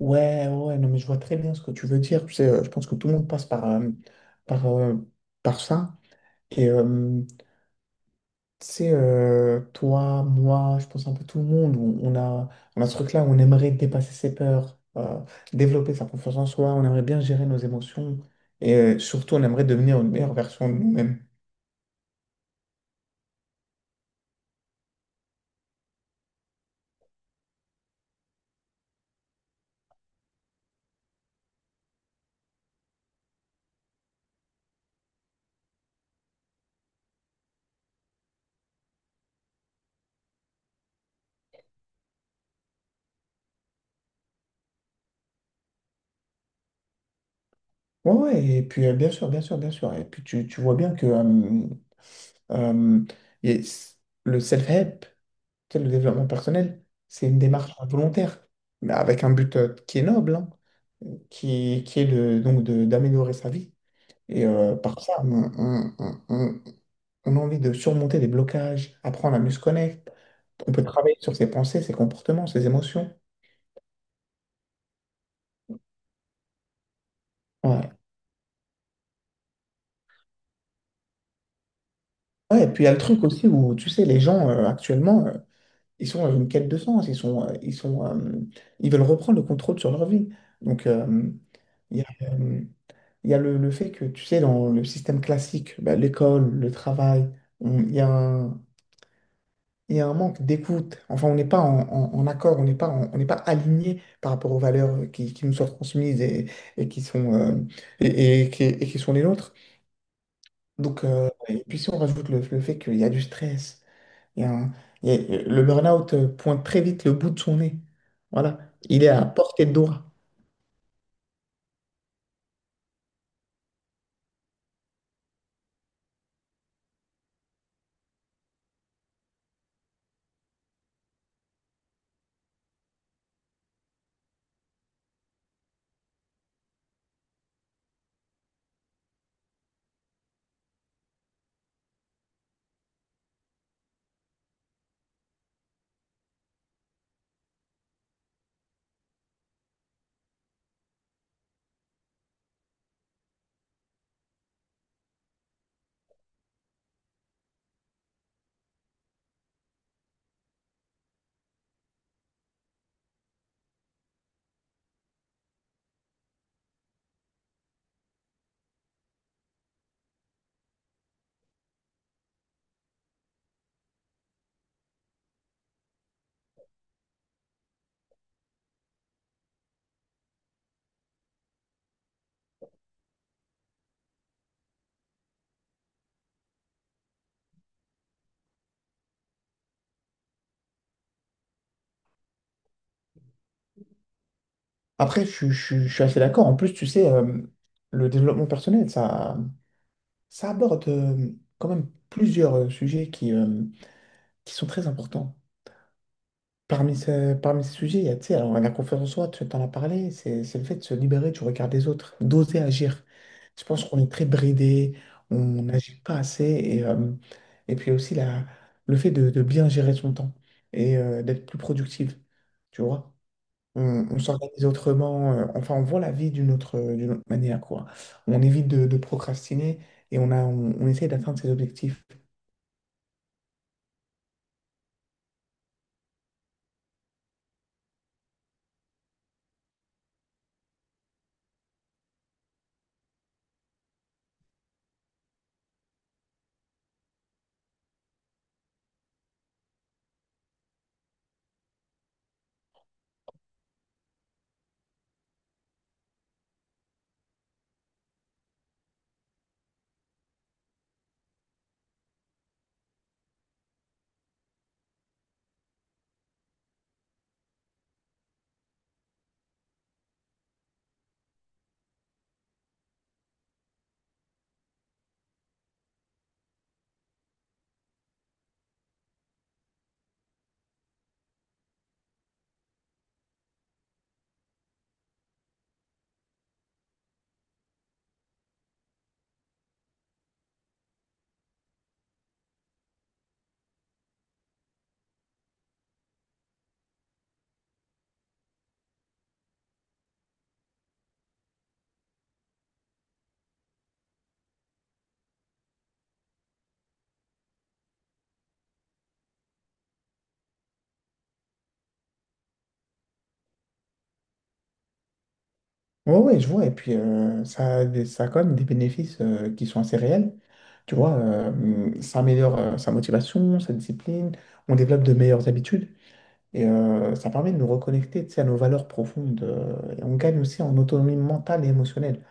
Ouais, non, mais je vois très bien ce que tu veux dire. Tu sais, je pense que tout le monde passe par, euh, par ça. Et euh, Tu sais, toi, moi, je pense un peu tout le monde, on a ce truc-là où on aimerait dépasser ses peurs, développer sa confiance en soi, on aimerait bien gérer nos émotions surtout, on aimerait devenir une meilleure version de nous-mêmes. Ouais, ouais, et puis bien sûr, bien sûr, bien sûr. Et puis tu vois bien que euh, et s- le self-help. Tu sais, le développement personnel, c'est une démarche volontaire, mais avec un but, qui est noble, hein, qui est d'améliorer sa vie. Par ça, on a envie de surmonter des blocages, apprendre à mieux se connaître. On peut travailler sur ses pensées, ses comportements, ses émotions. Ouais. Ouais, et puis il y a le truc aussi où, tu sais, les gens, actuellement, ils sont dans une quête de sens. Ils veulent reprendre le contrôle sur leur vie. Donc, il y a, euh, il y a le fait que, tu sais, dans le système classique, bah, l'école, le travail, on- il y a un, il y a un manque d'écoute. Enfin, on n'est pas en accord, on n'est pas aligné par rapport aux valeurs qui nous sont transmises et qui sont, euh, et qui sont les nôtres. Donc, et puis si on rajoute le fait qu'il y a du stress, il y a un- il y a- le burn-out, pointe très vite le bout de son nez. Voilà, il est à portée de doigt. Après, je suis assez d'accord. En plus, tu sais, le développement personnel, ça. Ça aborde, quand même plusieurs sujets qui sont très importants. Parmi ces sujets, il y a, tu sais, alors, la confiance en soi, tu en as parlé, c'est le fait de se libérer du regard des autres, d'oser agir. Je pense qu'on est très bridé, on n'agit pas assez, et puis aussi le fait de bien gérer son temps d'être plus productif, tu vois. On s'organise autrement, enfin, on voit la vie d'une autre manière, quoi. On évite de procrastiner et on a, on on essaie d'atteindre ses objectifs. Oui, ouais, ouais, je vois. Et puis, ça a quand même des bénéfices, qui sont assez réels. Tu vois, ça améliore sa motivation, sa discipline, on développe de meilleures habitudes ça permet de nous reconnecter, tu sais, à nos valeurs profondes. Et on gagne aussi en autonomie mentale et émotionnelle.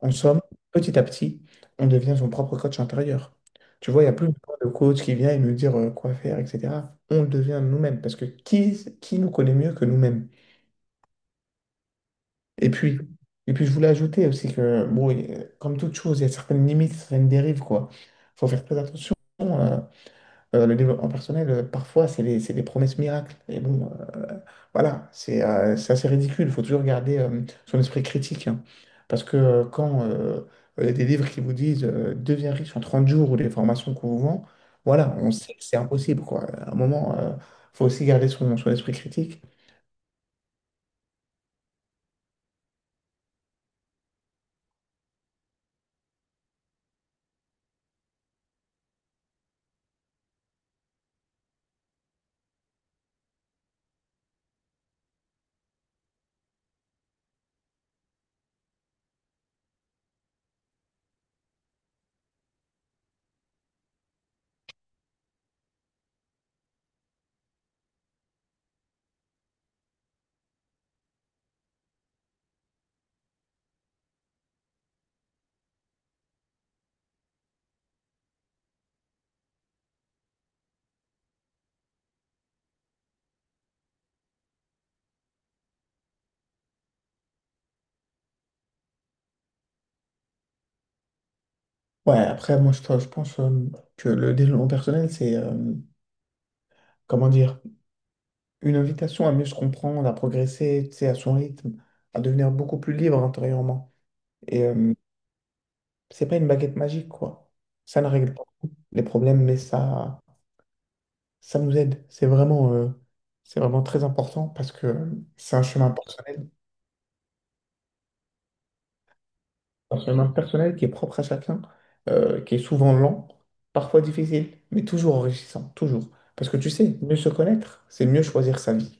En somme, petit à petit, on devient son propre coach intérieur. Tu vois, il n'y a plus besoin de coach qui vient et nous dire quoi faire, etc. On le devient nous-mêmes parce que qui nous connaît mieux que nous-mêmes? Et puis, et puis, je voulais ajouter aussi que, bon, comme toute chose, il y a certaines limites, certaines dérives, quoi. Il faut faire très attention. euh, le développement personnel, parfois, c'est des promesses miracles. Et bon, euh, voilà, c'est assez ridicule. Il faut toujours garder son esprit critique, hein. Parce que quand il y a des livres qui vous disent deviens riche en 30 jours ou des formations qu'on vous vend, voilà, on sait que c'est impossible, quoi. À un moment, il faut aussi garder son esprit critique. Ouais, après, moi, je pense que le développement personnel, c'est, comment dire, une invitation à mieux se comprendre, à progresser, tu sais, à son rythme, à devenir beaucoup plus libre intérieurement. Et euh, c'est pas une baguette magique, quoi. Ça ne règle pas les problèmes, mais ça nous aide. C'est vraiment très important parce que c'est un chemin personnel qui est propre à chacun, qui est souvent lent, parfois difficile, mais toujours enrichissant, toujours. Parce que tu sais, mieux se connaître, c'est mieux choisir sa vie.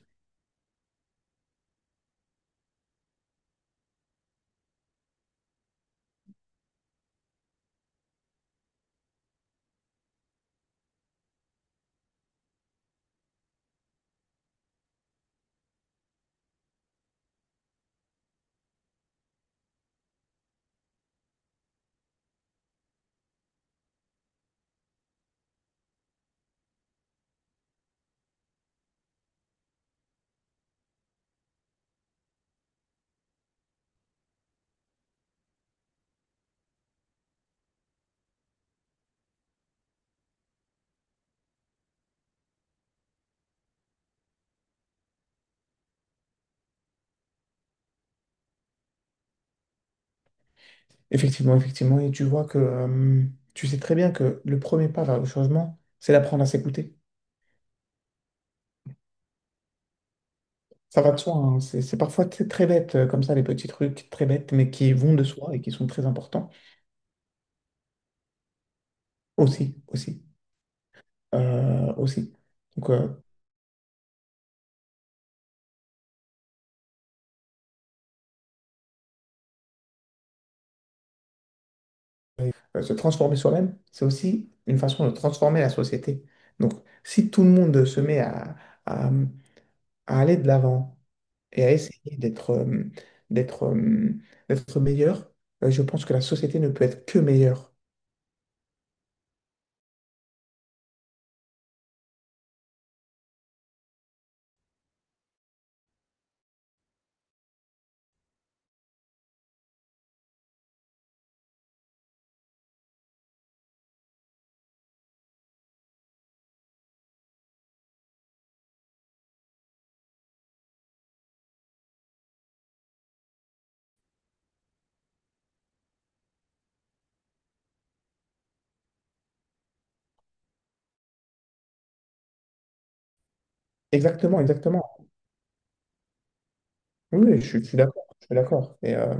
Effectivement, effectivement. Et tu vois que tu sais très bien que le premier pas vers le changement, c'est d'apprendre à s'écouter. Ça va de soi, hein. C'est parfois très bête, comme ça, les petits trucs très bêtes, mais qui vont de soi et qui sont très importants. Aussi, aussi, aussi. Donc, se transformer soi-même, c'est aussi une façon de transformer la société. Donc, si tout le monde se met à- à aller de l'avant et à essayer d'être euh, d'être meilleur, je pense que la société ne peut être que meilleure. Exactement, exactement. Oui, oui, je suis d'accord. Je suis d'accord.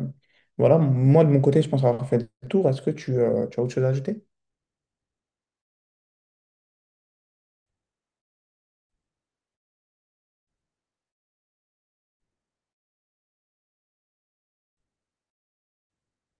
Voilà, moi de mon côté, je pense avoir fait le tour. Est-ce que tu as autre chose à ajouter?